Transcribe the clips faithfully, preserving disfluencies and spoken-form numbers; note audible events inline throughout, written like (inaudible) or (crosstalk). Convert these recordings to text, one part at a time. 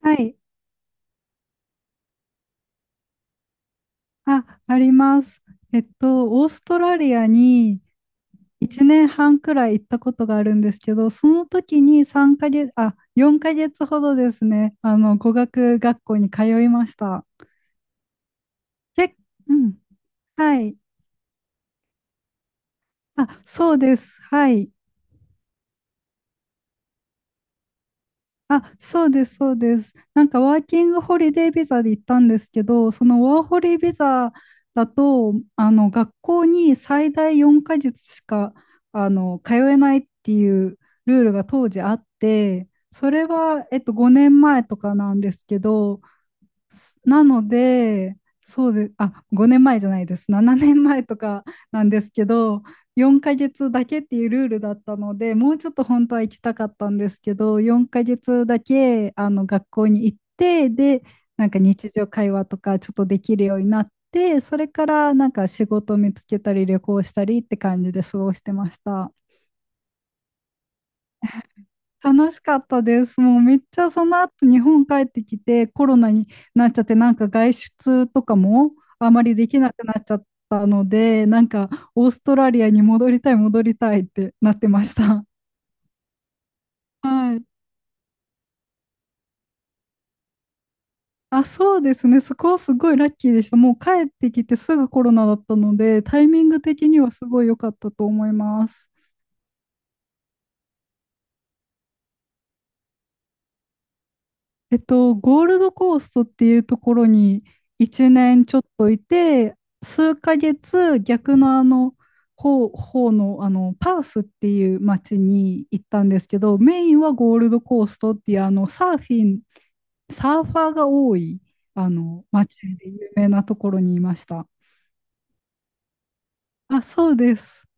はい。あ、あります。えっと、オーストラリアにいちねんはんくらい行ったことがあるんですけど、その時にさんかげつ、あ、よんかげつほどですね、あの、語学学校に通いました。け、うん。はい。あ、そうです。はい。あ、そうです、そうです。なんかワーキングホリデービザで行ったんですけど、そのワーホリビザだと、あの学校に最大よんかげつしかあの通えないっていうルールが当時あって、それは、えっと、ごねんまえとかなんですけど、なので、そうで、あ、ごねんまえじゃないです。ななねんまえとかなんですけど、よんかげつだけっていうルールだったので、もうちょっと本当は行きたかったんですけど、よんかげつだけあの学校に行って、で、なんか日常会話とかちょっとできるようになって、それからなんか仕事を見つけたり旅行したりって感じで過ごしてました。楽しかったです。もうめっちゃその後日本帰ってきてコロナになっちゃってなんか外出とかもあまりできなくなっちゃったのでなんかオーストラリアに戻りたい戻りたいってなってました。はい。あ、そうですね。そこはすごいラッキーでした。もう帰ってきてすぐコロナだったのでタイミング的にはすごい良かったと思います。えっと、ゴールドコーストっていうところにいちねんちょっといて、数ヶ月逆のあの方、方の、あのパースっていう町に行ったんですけど、メインはゴールドコーストっていうあのサーフィン、サーファーが多いあの町で有名なところにいました。あ、そうです。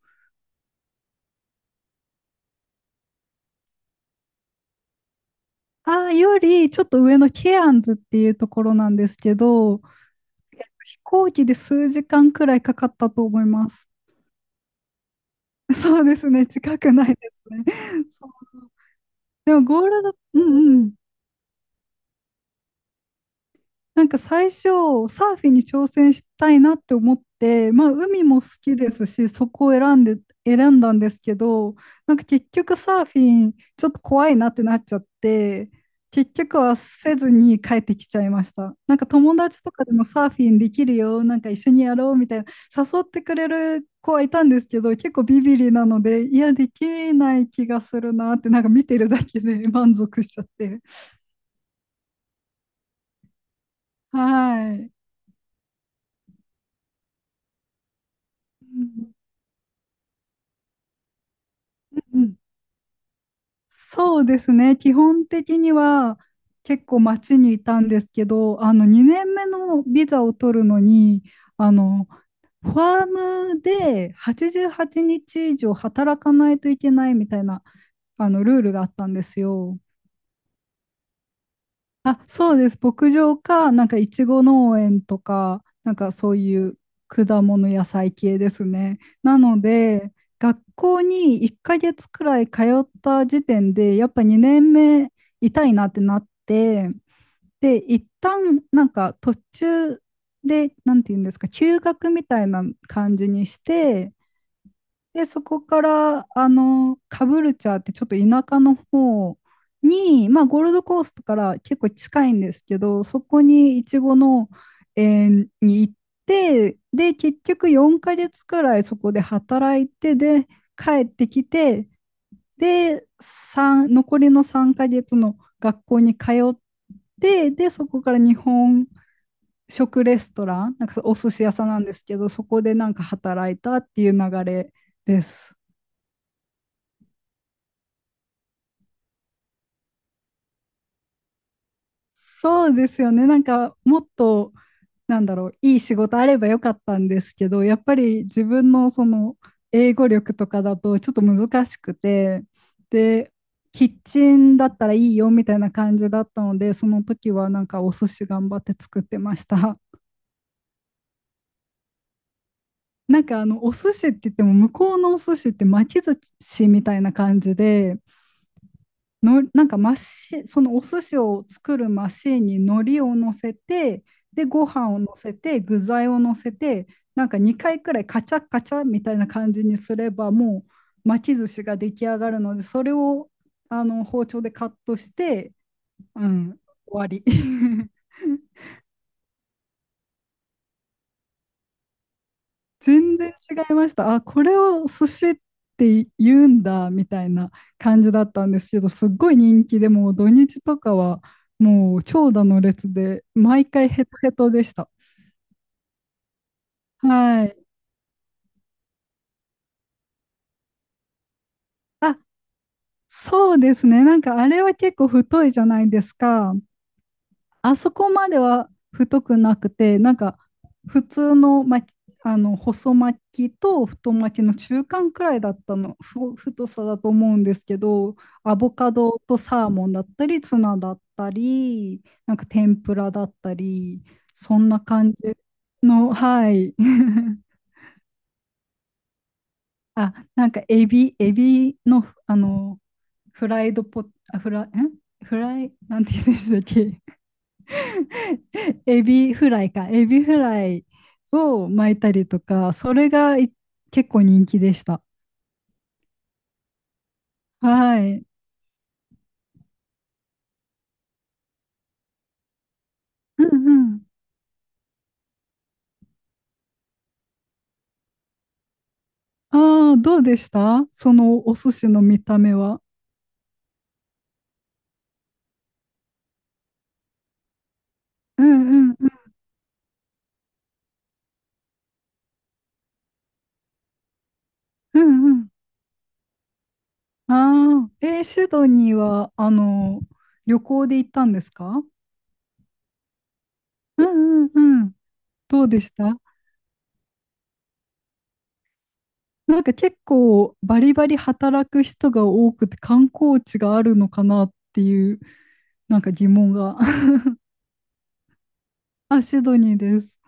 あ、よりちょっと上のケアンズっていうところなんですけど、飛行機で数時間くらいかかったと思います。そうですね、近くないですね。そう。でもゴールドうんうん。なんか最初、サーフィンに挑戦したいなって思って、まあ、海も好きですし、そこを選んで、選んだんですけど、なんか結局サーフィン、ちょっと怖いなってなっちゃって、結局はせずに帰ってきちゃいました。なんか友達とかでもサーフィンできるよ、なんか一緒にやろうみたいな、誘ってくれる子はいたんですけど、結構ビビリなので、いや、できない気がするなって、なんか見てるだけで満足しちゃって。はい。うん、そうですね。基本的には結構街にいたんですけど、あのにねんめのビザを取るのに、あのファームではちじゅうはちにち以上働かないといけないみたいなあのルールがあったんですよ。あ、そうです。牧場か、なんかいちご農園とか、なんかそういう果物野菜系ですね。なので、学校にいっかげつくらい通った時点で、やっぱにねんめ痛いなってなって、で、一旦なんか途中で、なんていうんですか、休学みたいな感じにして、で、そこから、あの、カブルチャーってちょっと田舎の方に、まあ、ゴールドコーストから結構近いんですけど、そこにイチゴの園に行って、で、結局よんかげつくらいそこで働いて、で、帰ってきて、で、三残りのさんかげつの学校に通って、で、そこから日本食レストラン、なんかお寿司屋さんなんですけど、そこでなんか働いたっていう流れです。そうですよね。なんかもっとなんだろういい仕事あればよかったんですけど、やっぱり自分のその英語力とかだとちょっと難しくて、でキッチンだったらいいよみたいな感じだったので、その時はなんかお寿司頑張って作ってました。なんかあのお寿司って言っても向こうのお寿司って巻き寿司みたいな感じでのなんかマシそのお寿司を作るマシーンに海苔を乗せてでご飯を乗せて具材を乗せてなんかにかいくらいカチャカチャみたいな感じにすればもう巻き寿司が出来上がるのでそれをあの包丁でカットして、うん、終わり。(laughs) 全然違いました。あ、これを寿司って言うんだみたいな感じだったんですけど、すっごい人気でもう土日とかはもう長蛇の列で毎回ヘトヘトでした。はい。あ、そうですね。なんかあれは結構太いじゃないですか。あそこまでは太くなくて、なんか普通の巻き、あの細巻きと太巻きの中間くらいだったの、ふ太さだと思うんですけど、アボカドとサーモンだったり、ツナだったり、なんか天ぷらだったり、そんな感じの、はい。(laughs) あ、なんかエビ、エビの、あの、フライドポ、あフラ、んフライ、なんて言うんでしたっけ？ (laughs) エビフライか、エビフライを巻いたりとか、それがい結構人気でした。はい。うんうん。ああ、どうでしたそのお寿司の見た目は？うんうんうんうんうん。ああ、えーシドニーは、あの、旅行で行ったんですか？うんうんうん。どうでした？なんか結構バリバリ働く人が多くて観光地があるのかなっていう、なんか疑問が。(laughs) あ、シドニーです。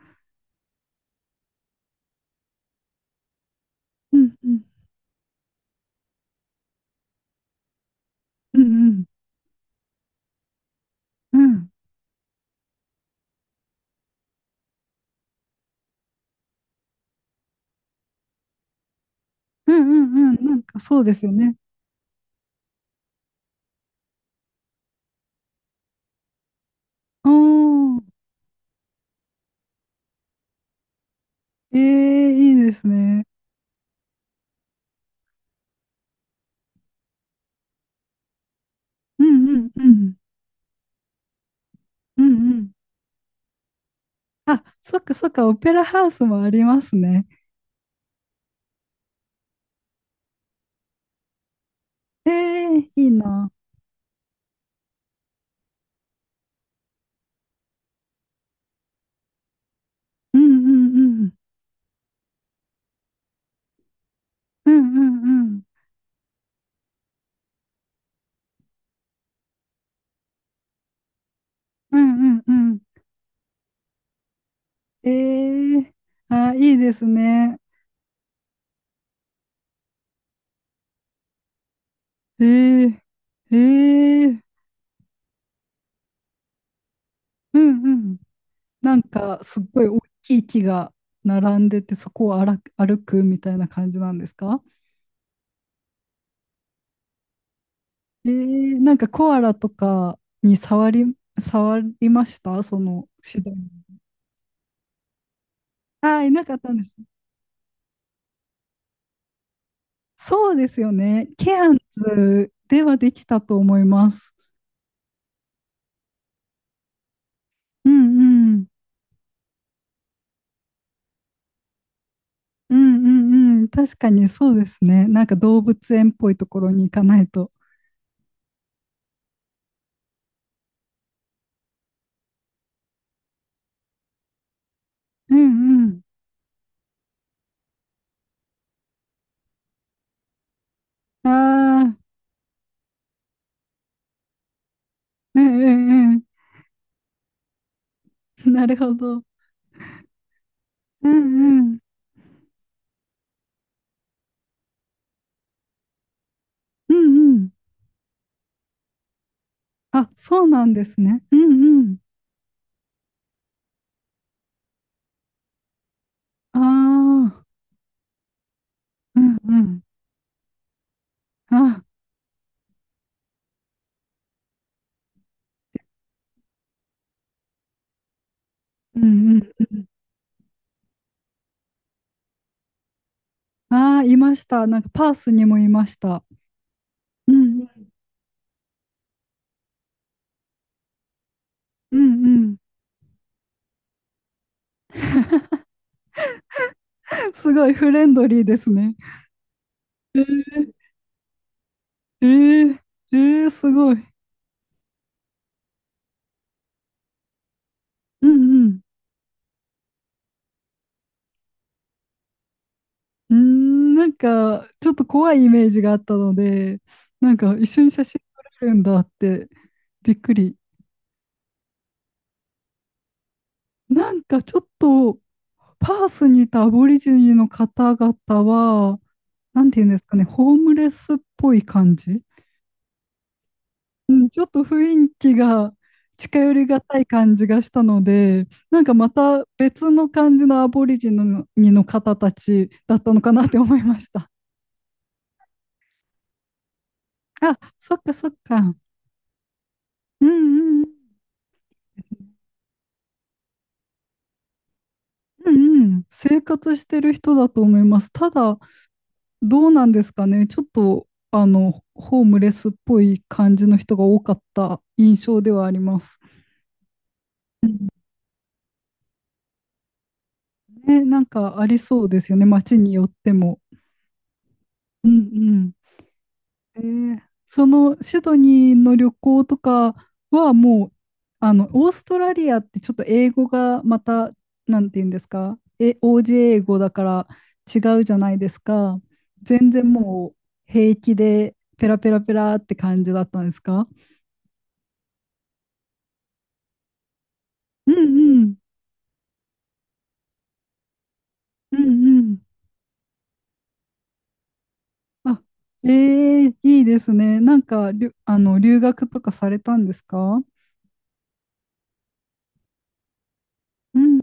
うんうん。うんうん。うん。うんうんうん。なんかそうですよね。おー、ええ、いいですね。うんうんうん。うんうん。あ、そっかそっか、オペラハウスもありますね。ええ、いいな。うんうんうん。うんうんうん。うんうんうん。ええ。あ、いいですね。ええ。ええ。うんうん。なんかすっごい大きい木が並んでて、そこを歩く歩くみたいな感じなんですか？えー、なんかコアラとかに触り、触りましたその手段。ああ、いなかったんです。そうですよね。ケアンズではできたと思います。うんうん。うんうんうん。確かにそうですね。なんか動物園っぽいところに行かないと。うんうん。ああ、うんうんうん。なるほど。うんうん。うんうん。あ、そうなんですね。うんうん。ああ、うんうん。あ、うんうん。ああ、いました。なんかパースにもいました。うん、うん、うん。(laughs) すごいフレンドリーですね。えー、えー、えー、すごい。うん、うん。うーん、なんか、ちょっと怖いイメージがあったので、なんか一緒に写真撮れるんだってびっくり。なんかちょっと、パースにいたアボリジニの方々は、なんていうんですかね、ホームレスっぽい感じ、うん、ちょっと雰囲気が近寄りがたい感じがしたので、なんかまた別の感じのアボリジニの方たちだったのかなって思いました。あ、そっかそっか。うんうん。うんうん。生活してる人だと思います。ただ、どうなんですかね。ちょっと、あの、ホームレスっぽい感じの人が多かった印象ではあります。うん、ね、なんかありそうですよね。街によっても。うんうん。えー、そのシドニーの旅行とかはもう、あの、オーストラリアってちょっと英語がまた、なんて言うんですか、え、オージェー 英語だから違うじゃないですか。全然もう平気でペラペラペラって感じだったんですか？うんうん、うんうん。あ、ええ、いいですね。なんか、りゅ、あの、留学とかされたんですか？うん